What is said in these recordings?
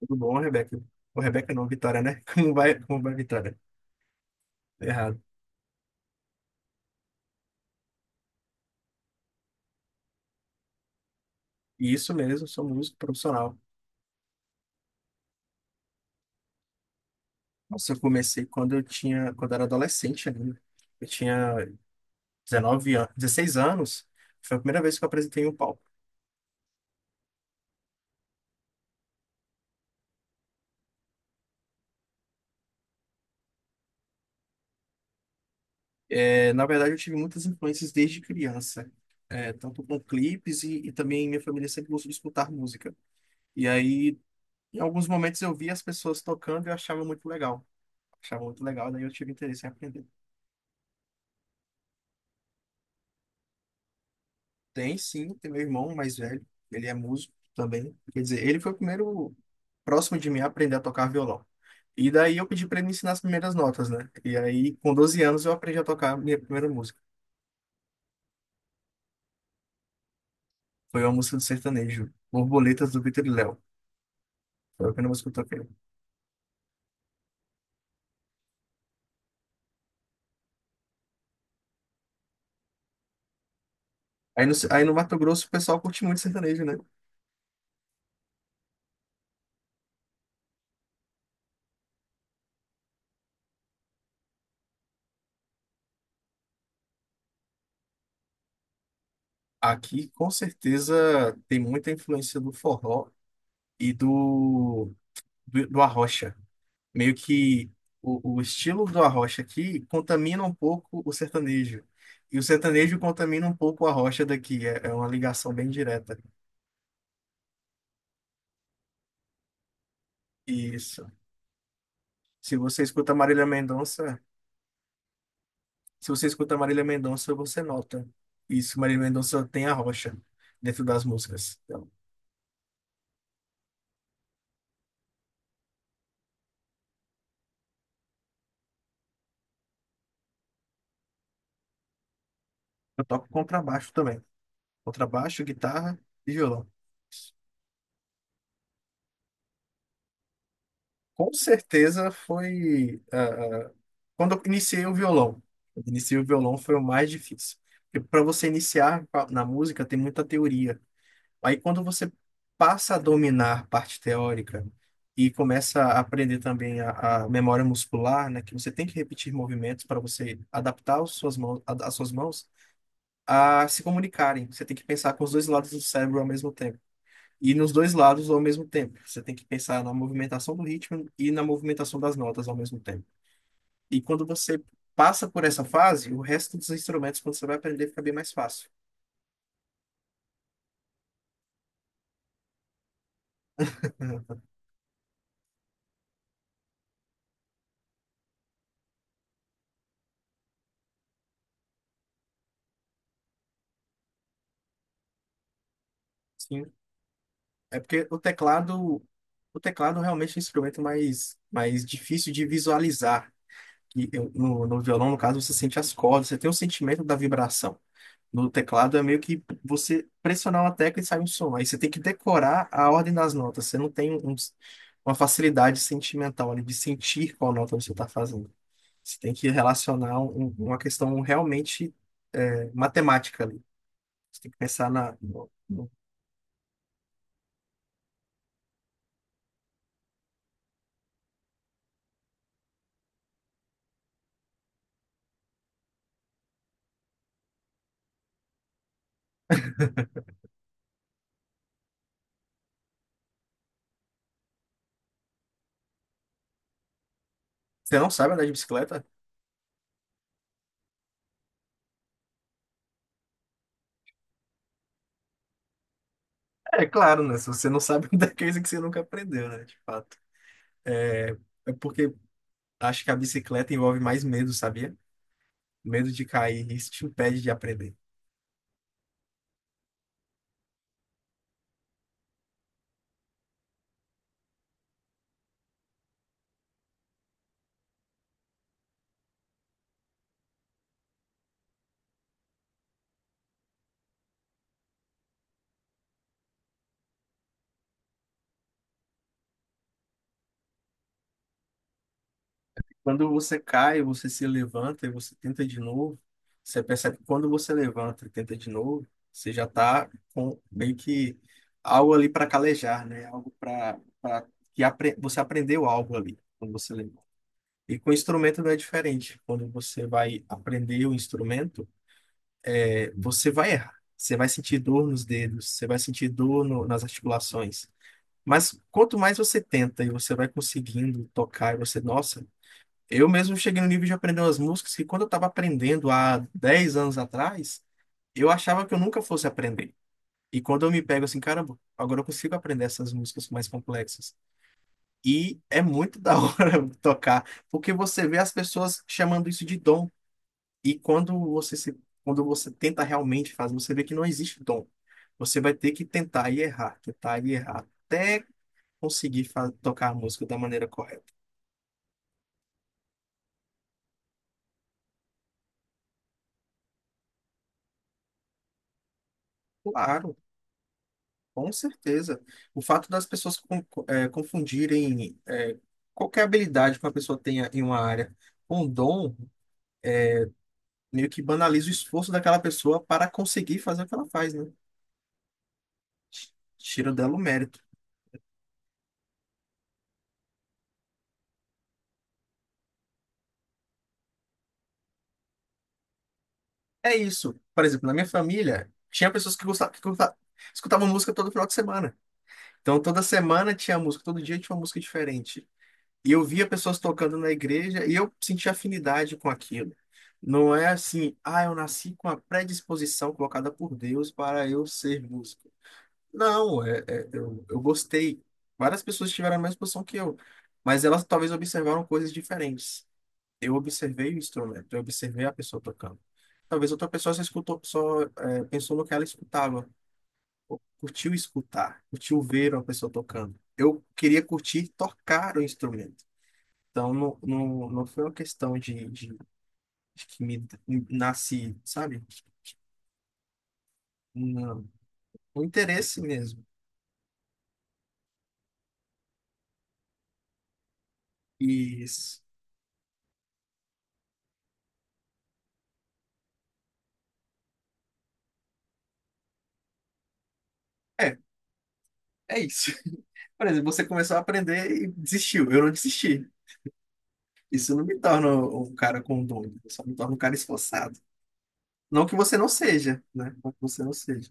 Tudo bom, Rebeca? Ô, Rebeca não, Vitória, né? Como vai, Vitória? Tá errado. E isso mesmo, sou músico profissional. Nossa, eu comecei quando eu era adolescente ainda. Eu tinha 19 anos, 16 anos. Foi a primeira vez que eu apresentei em um palco. É, na verdade, eu tive muitas influências desde criança. É, tanto com clipes e também minha família sempre gostou de escutar música. E aí, em alguns momentos eu via as pessoas tocando e eu achava muito legal. Achava muito legal, daí eu tive interesse em aprender. Tem sim, tem meu irmão mais velho, ele é músico também. Quer dizer, ele foi o primeiro próximo de mim a aprender a tocar violão. E daí eu pedi para ele me ensinar as primeiras notas, né? E aí, com 12 anos, eu aprendi a tocar a minha primeira música. Foi uma música do sertanejo, Borboletas do Vitor e Léo. Foi a primeira música que eu toquei. Aí no Mato Grosso o pessoal curte muito sertanejo, né? Aqui, com certeza, tem muita influência do forró e do arrocha. Meio que o estilo do arrocha aqui contamina um pouco o sertanejo. E o sertanejo contamina um pouco a rocha daqui. É, é uma ligação bem direta. Isso. Se você escuta Marília Mendonça, se você escuta Marília Mendonça, você nota. Isso, Marília Mendonça tem a rocha dentro das músicas. Então, eu toco contrabaixo também. Contrabaixo, guitarra e violão. Com certeza foi. Quando eu iniciei o violão. Eu iniciei o violão foi o mais difícil. Porque para você iniciar na música tem muita teoria. Aí quando você passa a dominar a parte teórica e começa a aprender também a memória muscular, né, que você tem que repetir movimentos para você adaptar as suas mãos, a se comunicarem. Você tem que pensar com os dois lados do cérebro ao mesmo tempo. E nos dois lados ao mesmo tempo. Você tem que pensar na movimentação do ritmo e na movimentação das notas ao mesmo tempo. E quando você passa por essa fase, o resto dos instrumentos, quando você vai aprender, fica bem mais fácil. Uhum. Sim. É porque o teclado realmente é um instrumento mais, mais difícil de visualizar. No violão, no caso, você sente as cordas, você tem o sentimento da vibração. No teclado é meio que você pressionar uma tecla e sai um som. Aí você tem que decorar a ordem das notas. Você não tem uma facilidade sentimental ali de sentir qual nota você está fazendo. Você tem que relacionar uma questão realmente é matemática ali. Você tem que pensar na. Você não sabe andar de bicicleta? É claro, né? Se você não sabe andar, é coisa que você nunca aprendeu, né? De fato. É é, porque acho que a bicicleta envolve mais medo, sabia? Medo de cair. Isso te impede de aprender. Quando você cai, você se levanta e você tenta de novo. Você percebe que quando você levanta e tenta de novo, você já está com meio que algo ali para calejar, né? Algo para que você aprendeu algo ali quando você levanta. E com instrumento não é diferente. Quando você vai aprender o instrumento, é, você vai errar. Você vai sentir dor nos dedos, você vai sentir dor nas articulações. Mas quanto mais você tenta e você vai conseguindo tocar, e você, nossa, eu mesmo cheguei no nível de aprender umas músicas que quando eu estava aprendendo há 10 anos atrás, eu achava que eu nunca fosse aprender. E quando eu me pego assim, caramba, agora eu consigo aprender essas músicas mais complexas. E é muito da hora tocar, porque você vê as pessoas chamando isso de dom. E quando você se, quando você tenta realmente fazer, você vê que não existe dom. Você vai ter que tentar e errar, até conseguir tocar a música da maneira correta. Claro. Com certeza. O fato das pessoas confundirem qualquer habilidade que uma pessoa tenha em uma área com um dom, meio que banaliza o esforço daquela pessoa para conseguir fazer o que ela faz, né? Tira dela o mérito. É isso. Por exemplo, na minha família, tinha pessoas que gostavam, escutavam música todo final de semana. Então, toda semana tinha música, todo dia tinha uma música diferente. E eu via pessoas tocando na igreja e eu sentia afinidade com aquilo. Não é assim, ah, eu nasci com a predisposição colocada por Deus para eu ser músico. Não, eu gostei. Várias pessoas tiveram a mesma posição que eu, mas elas talvez observaram coisas diferentes. Eu observei o instrumento, eu observei a pessoa tocando. Talvez outra pessoa só escutou, só, pensou no que ela escutava, ou curtiu escutar, curtiu ver uma pessoa tocando. Eu queria curtir tocar o instrumento. Então, não, não, não foi uma questão de que me nasci, sabe? Não. O interesse mesmo. E s- é, é isso. Por exemplo, você começou a aprender e desistiu. Eu não desisti. Isso não me torna um cara com dom, só me torna um cara esforçado. Não que você não seja, né? Não que você não seja.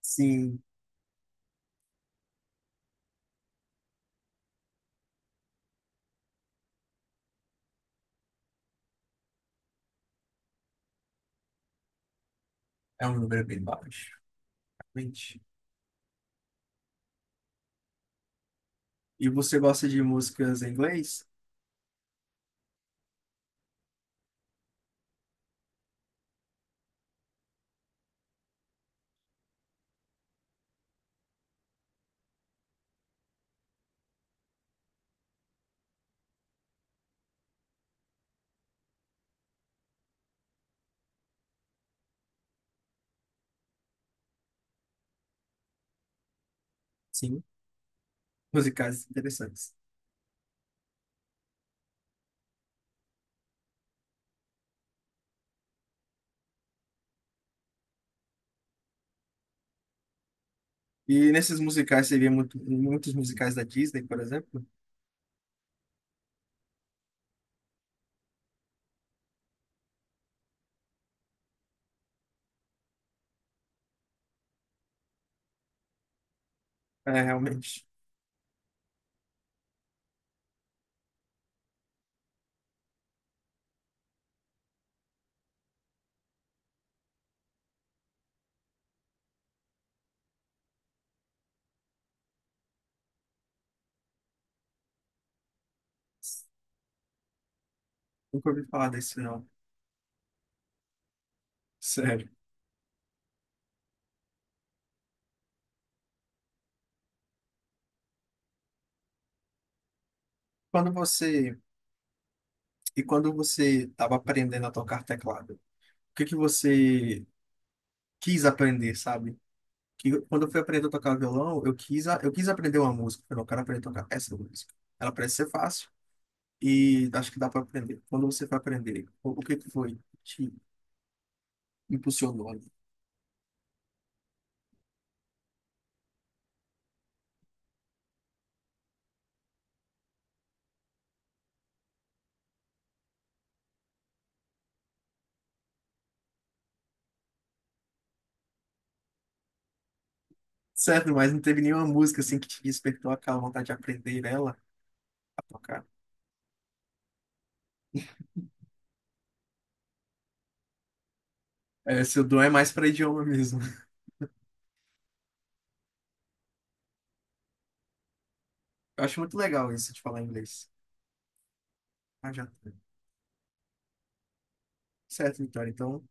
Sim, é um número bem baixo, realmente. E você gosta de músicas em inglês? Sim, musicais interessantes. E nesses musicais, você vê muito, muitos musicais da Disney, por exemplo? É, realmente. Nunca ouvi falar desse, não. Sério. Quando você... E quando você estava aprendendo a tocar teclado, o que que você quis aprender, sabe? Que, quando eu fui aprender a tocar violão, eu quis, eu quis aprender uma música. Eu falei, "Eu quero aprender a tocar essa música. Ela parece ser fácil e acho que dá para aprender." Quando você foi aprender, o que que foi que te impulsionou ali? Certo, mas não teve nenhuma música assim que te despertou aquela vontade de aprender ela a tocar? É, seu dom é mais para idioma mesmo. Eu acho muito legal isso de falar inglês. Ah, já. Certo, Vitória. Então.